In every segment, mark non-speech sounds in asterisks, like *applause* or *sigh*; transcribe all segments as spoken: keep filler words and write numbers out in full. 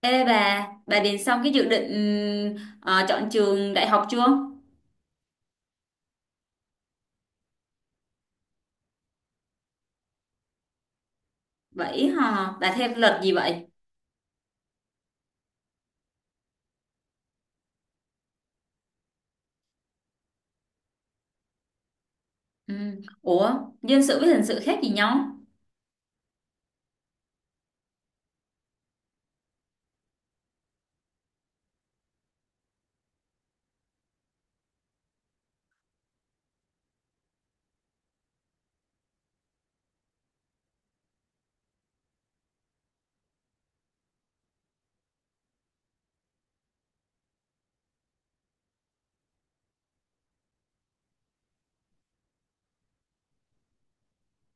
Ê bà, bà điền xong cái dự định ờ, chọn trường đại học chưa? Vậy hả? Bà theo luật gì vậy? Ừ. Ủa, dân sự với hình sự khác gì nhau?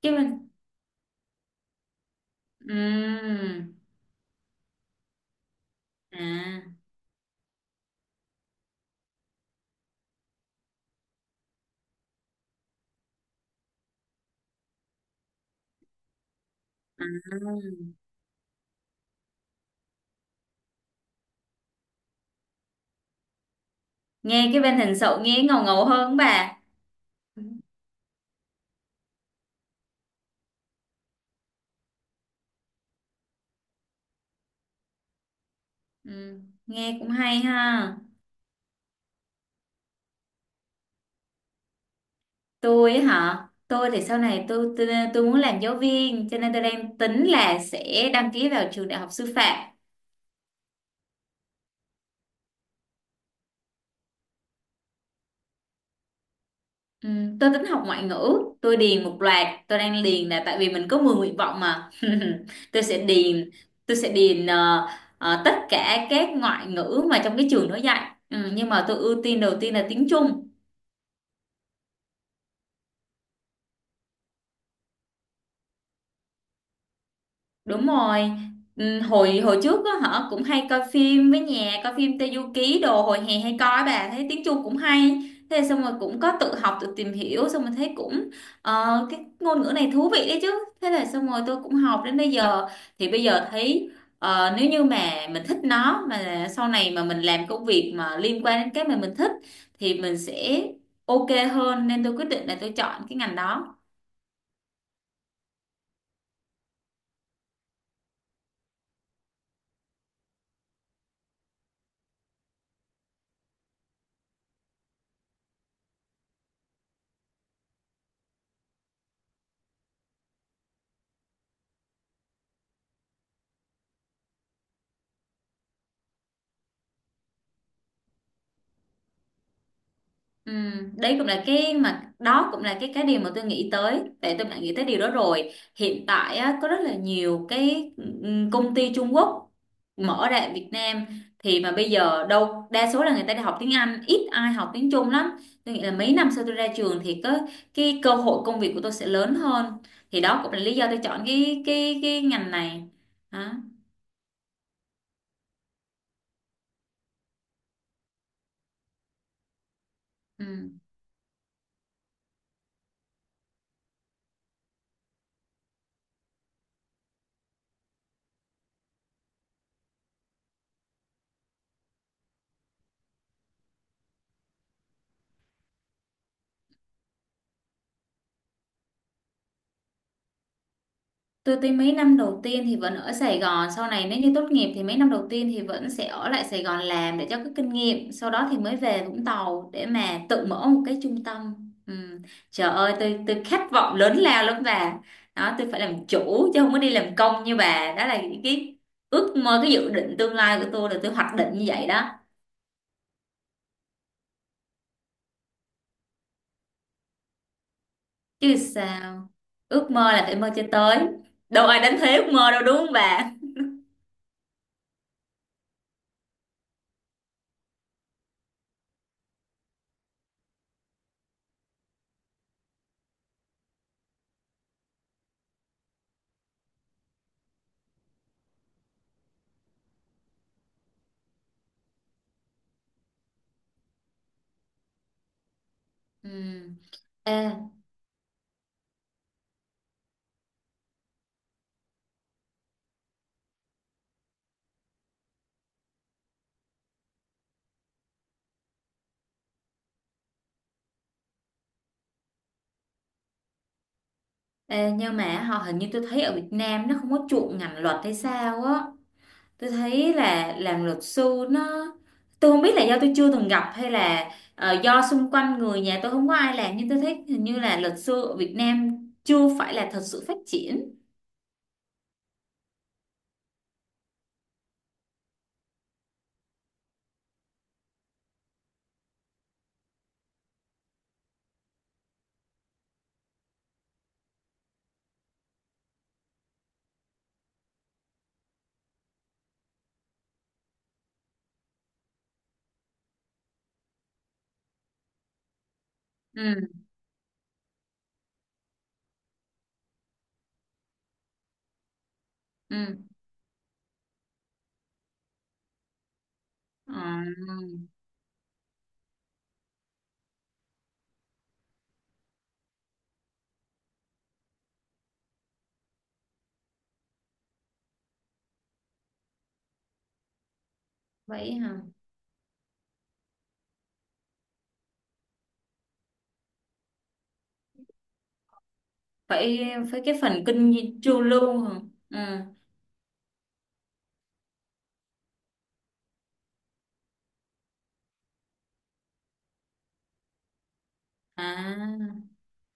Cái bên... ừm, À, à. Nghe cái bên hình sự nghe ngầu ngầu hơn bà. Ừ. Nghe cũng hay ha. Tôi ấy hả? Tôi thì sau này tôi, tôi tôi muốn làm giáo viên, cho nên tôi đang tính là sẽ đăng ký vào trường đại học sư phạm. Ừ, tôi tính học ngoại ngữ, tôi điền một loạt, tôi đang điền là tại vì mình có mười nguyện vọng mà. *laughs* Tôi sẽ điền, tôi sẽ điền ờ, ờ, tất cả các ngoại ngữ mà trong cái trường nó dạy. Ừ, nhưng mà tôi ưu tiên đầu tiên là tiếng Trung. Đúng rồi. Ừ, hồi hồi trước á hả cũng hay coi phim, với nhà coi phim Teyuki đồ hồi hè hay coi, bà thấy tiếng Trung cũng hay, thế xong rồi cũng có tự học tự tìm hiểu, xong rồi thấy cũng ờ, cái ngôn ngữ này thú vị đấy chứ. Thế là xong rồi tôi cũng học đến bây giờ, thì bây giờ thấy ờ, nếu như mà mình thích nó, mà sau này mà mình làm công việc mà liên quan đến cái mà mình thích, thì mình sẽ ok hơn, nên tôi quyết định là tôi chọn cái ngành đó. Ừ, đấy cũng là cái mà đó cũng là cái cái điều mà tôi nghĩ tới, tại tôi đã nghĩ tới điều đó rồi. Hiện tại á, có rất là nhiều cái ừ, công ty Trung Quốc mở ra ở Việt Nam, thì mà bây giờ đâu đa số là người ta đi học tiếng Anh, ít ai học tiếng Trung lắm. Tôi nghĩ là mấy năm sau tôi ra trường thì có cái cơ hội công việc của tôi sẽ lớn hơn, thì đó cũng là lý do tôi chọn cái cái cái ngành này đó. Ừ. Tôi thấy mấy năm đầu tiên thì vẫn ở Sài Gòn, sau này nếu như tốt nghiệp thì mấy năm đầu tiên thì vẫn sẽ ở lại Sài Gòn làm để cho có kinh nghiệm, sau đó thì mới về Vũng Tàu để mà tự mở một cái trung tâm. Ừ. Trời ơi, tôi tôi khát vọng lớn lao lắm bà. Đó, tôi phải làm chủ chứ không có đi làm công như bà. Đó là những cái ước mơ, cái dự định tương lai của tôi, là tôi hoạch định như vậy đó. Chứ sao, ước mơ là phải mơ cho tới. Đâu ai đánh thuế ước mơ đâu đúng không bà? Ừ. Ê, Ê, nhưng mà họ hình như tôi thấy ở Việt Nam nó không có chuộng ngành luật hay sao á, tôi thấy là làm luật sư nó, tôi không biết là do tôi chưa từng gặp hay là ờ, do xung quanh người nhà tôi không có ai làm, nhưng tôi thấy hình như là luật sư ở Việt Nam chưa phải là thật sự phát triển. Ừ, ừ. Ờ, vậy hả, phải phải, cái phần kinh nghiệm chu lưu hả? Ừ, à.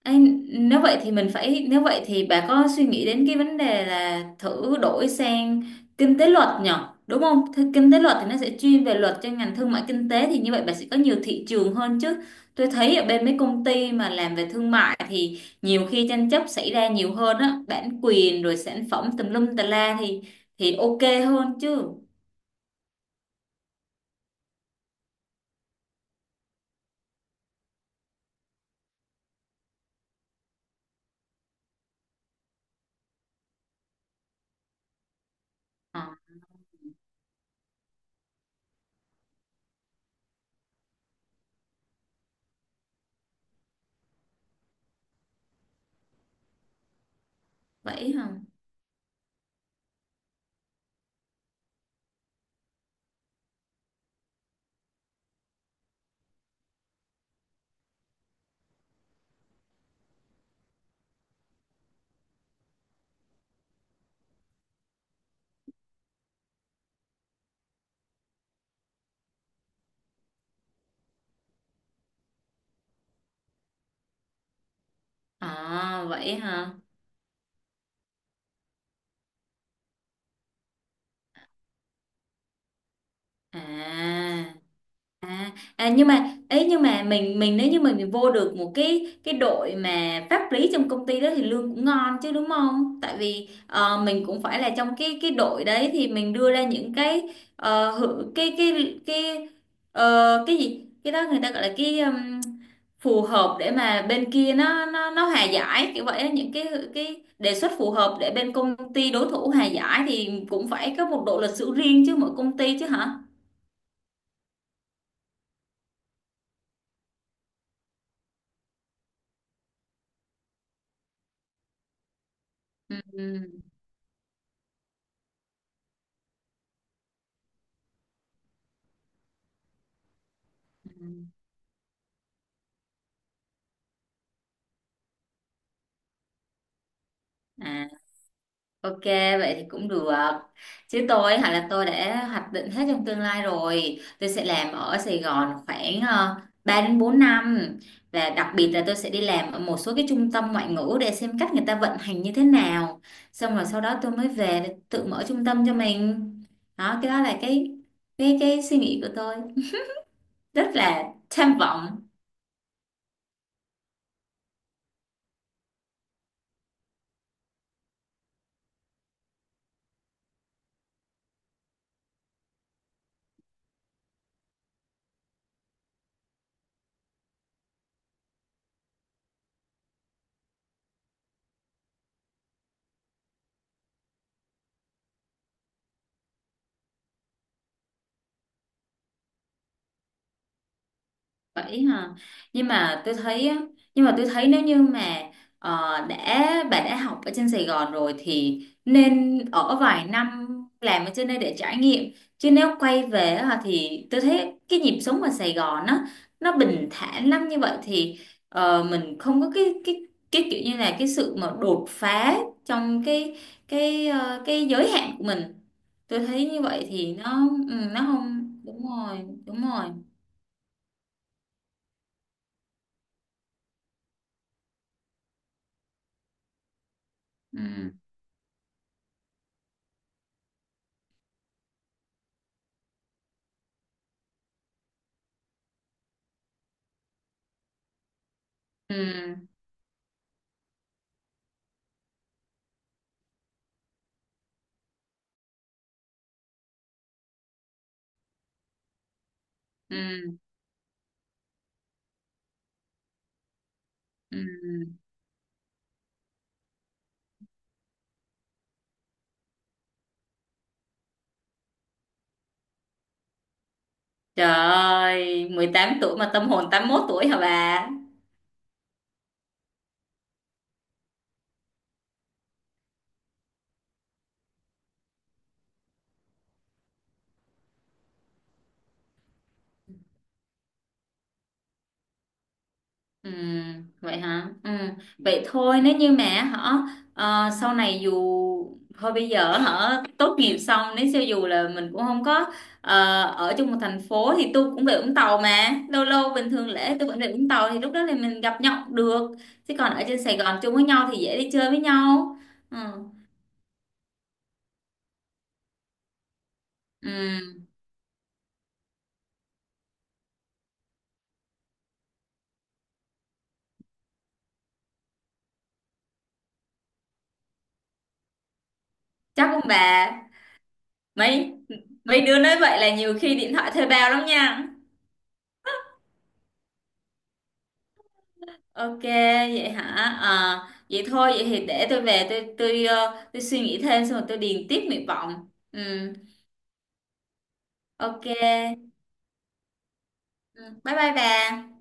Ê, nếu vậy thì mình phải nếu vậy thì bà có suy nghĩ đến cái vấn đề là thử đổi sang kinh tế luật nhở, đúng không? Thế kinh tế luật thì nó sẽ chuyên về luật cho ngành thương mại kinh tế, thì như vậy bà sẽ có nhiều thị trường hơn chứ. Tôi thấy ở bên mấy công ty mà làm về thương mại thì nhiều khi tranh chấp xảy ra nhiều hơn á, bản quyền rồi sản phẩm tùm lum tà la, thì thì ok hơn chứ. Ờ, vậy hả. À, vậy hả. À, À, à, nhưng mà ấy, nhưng mà mình mình nếu như mình vô được một cái cái đội mà pháp lý trong công ty đó thì lương cũng ngon chứ, đúng không? Tại vì ờ, mình cũng phải là trong cái cái đội đấy thì mình đưa ra những cái ờ, hự- cái cái cái ờ, cái gì, cái đó người ta gọi là cái ừm, phù hợp để mà bên kia nó nó nó hòa giải kiểu vậy á, những cái cái đề xuất phù hợp để bên công ty đối thủ hòa giải, thì cũng phải có một bộ luật sư riêng chứ, mỗi công ty chứ hả? Ừ. À, ok, vậy thì cũng được. Chứ tôi hả, là tôi đã hoạch định hết trong tương lai rồi. Tôi sẽ làm ở Sài Gòn khoảng uh, ba đến bốn năm. Và đặc biệt là tôi sẽ đi làm ở một số cái trung tâm ngoại ngữ để xem cách người ta vận hành như thế nào. Xong rồi sau đó tôi mới về để tự mở trung tâm cho mình. Đó, cái đó là cái cái cái suy nghĩ của tôi. Rất là tham vọng. Vậy hả? Nhưng mà tôi thấy á, nhưng mà tôi thấy nếu như mà ờ, đã bà đã học ở trên Sài Gòn rồi thì nên ở vài năm làm ở trên đây để trải nghiệm. Chứ nếu quay về á, thì tôi thấy cái nhịp sống ở Sài Gòn á, nó bình thản lắm, như vậy thì ờ, mình không có cái cái cái kiểu như là cái sự mà đột phá trong cái cái ờ, cái giới hạn của mình. Tôi thấy như vậy thì nó ừ, nó không, đúng rồi, đúng rồi. Ừ. Ừ. Ừ, ừ. Trời ơi, mười tám tuổi mà tâm hồn tám mốt tuổi hả bà? Ừ, vậy hả? Ừ. Vậy thôi, nếu như mà họ ờ, sau này dù thôi bây giờ họ tốt nghiệp xong, nếu cho dù là mình cũng không có ờ, ở chung một thành phố thì tôi cũng về Vũng Tàu mà, lâu lâu bình thường lễ tôi vẫn về Vũng Tàu, thì lúc đó thì mình gặp nhau cũng được, chứ còn ở trên Sài Gòn chung với nhau thì dễ đi chơi với nhau. Ừ. Ừ. Chắc không bà? Mấy mấy đứa nói vậy là nhiều khi điện thoại thuê bao lắm nha. Ok. Vậy hả? À, vậy thôi, vậy thì để tôi về tôi tôi ờ, tôi suy nghĩ thêm, xong rồi tôi điền tiếp nguyện vọng. Ừ. Ok. Ừ, bye bye bà.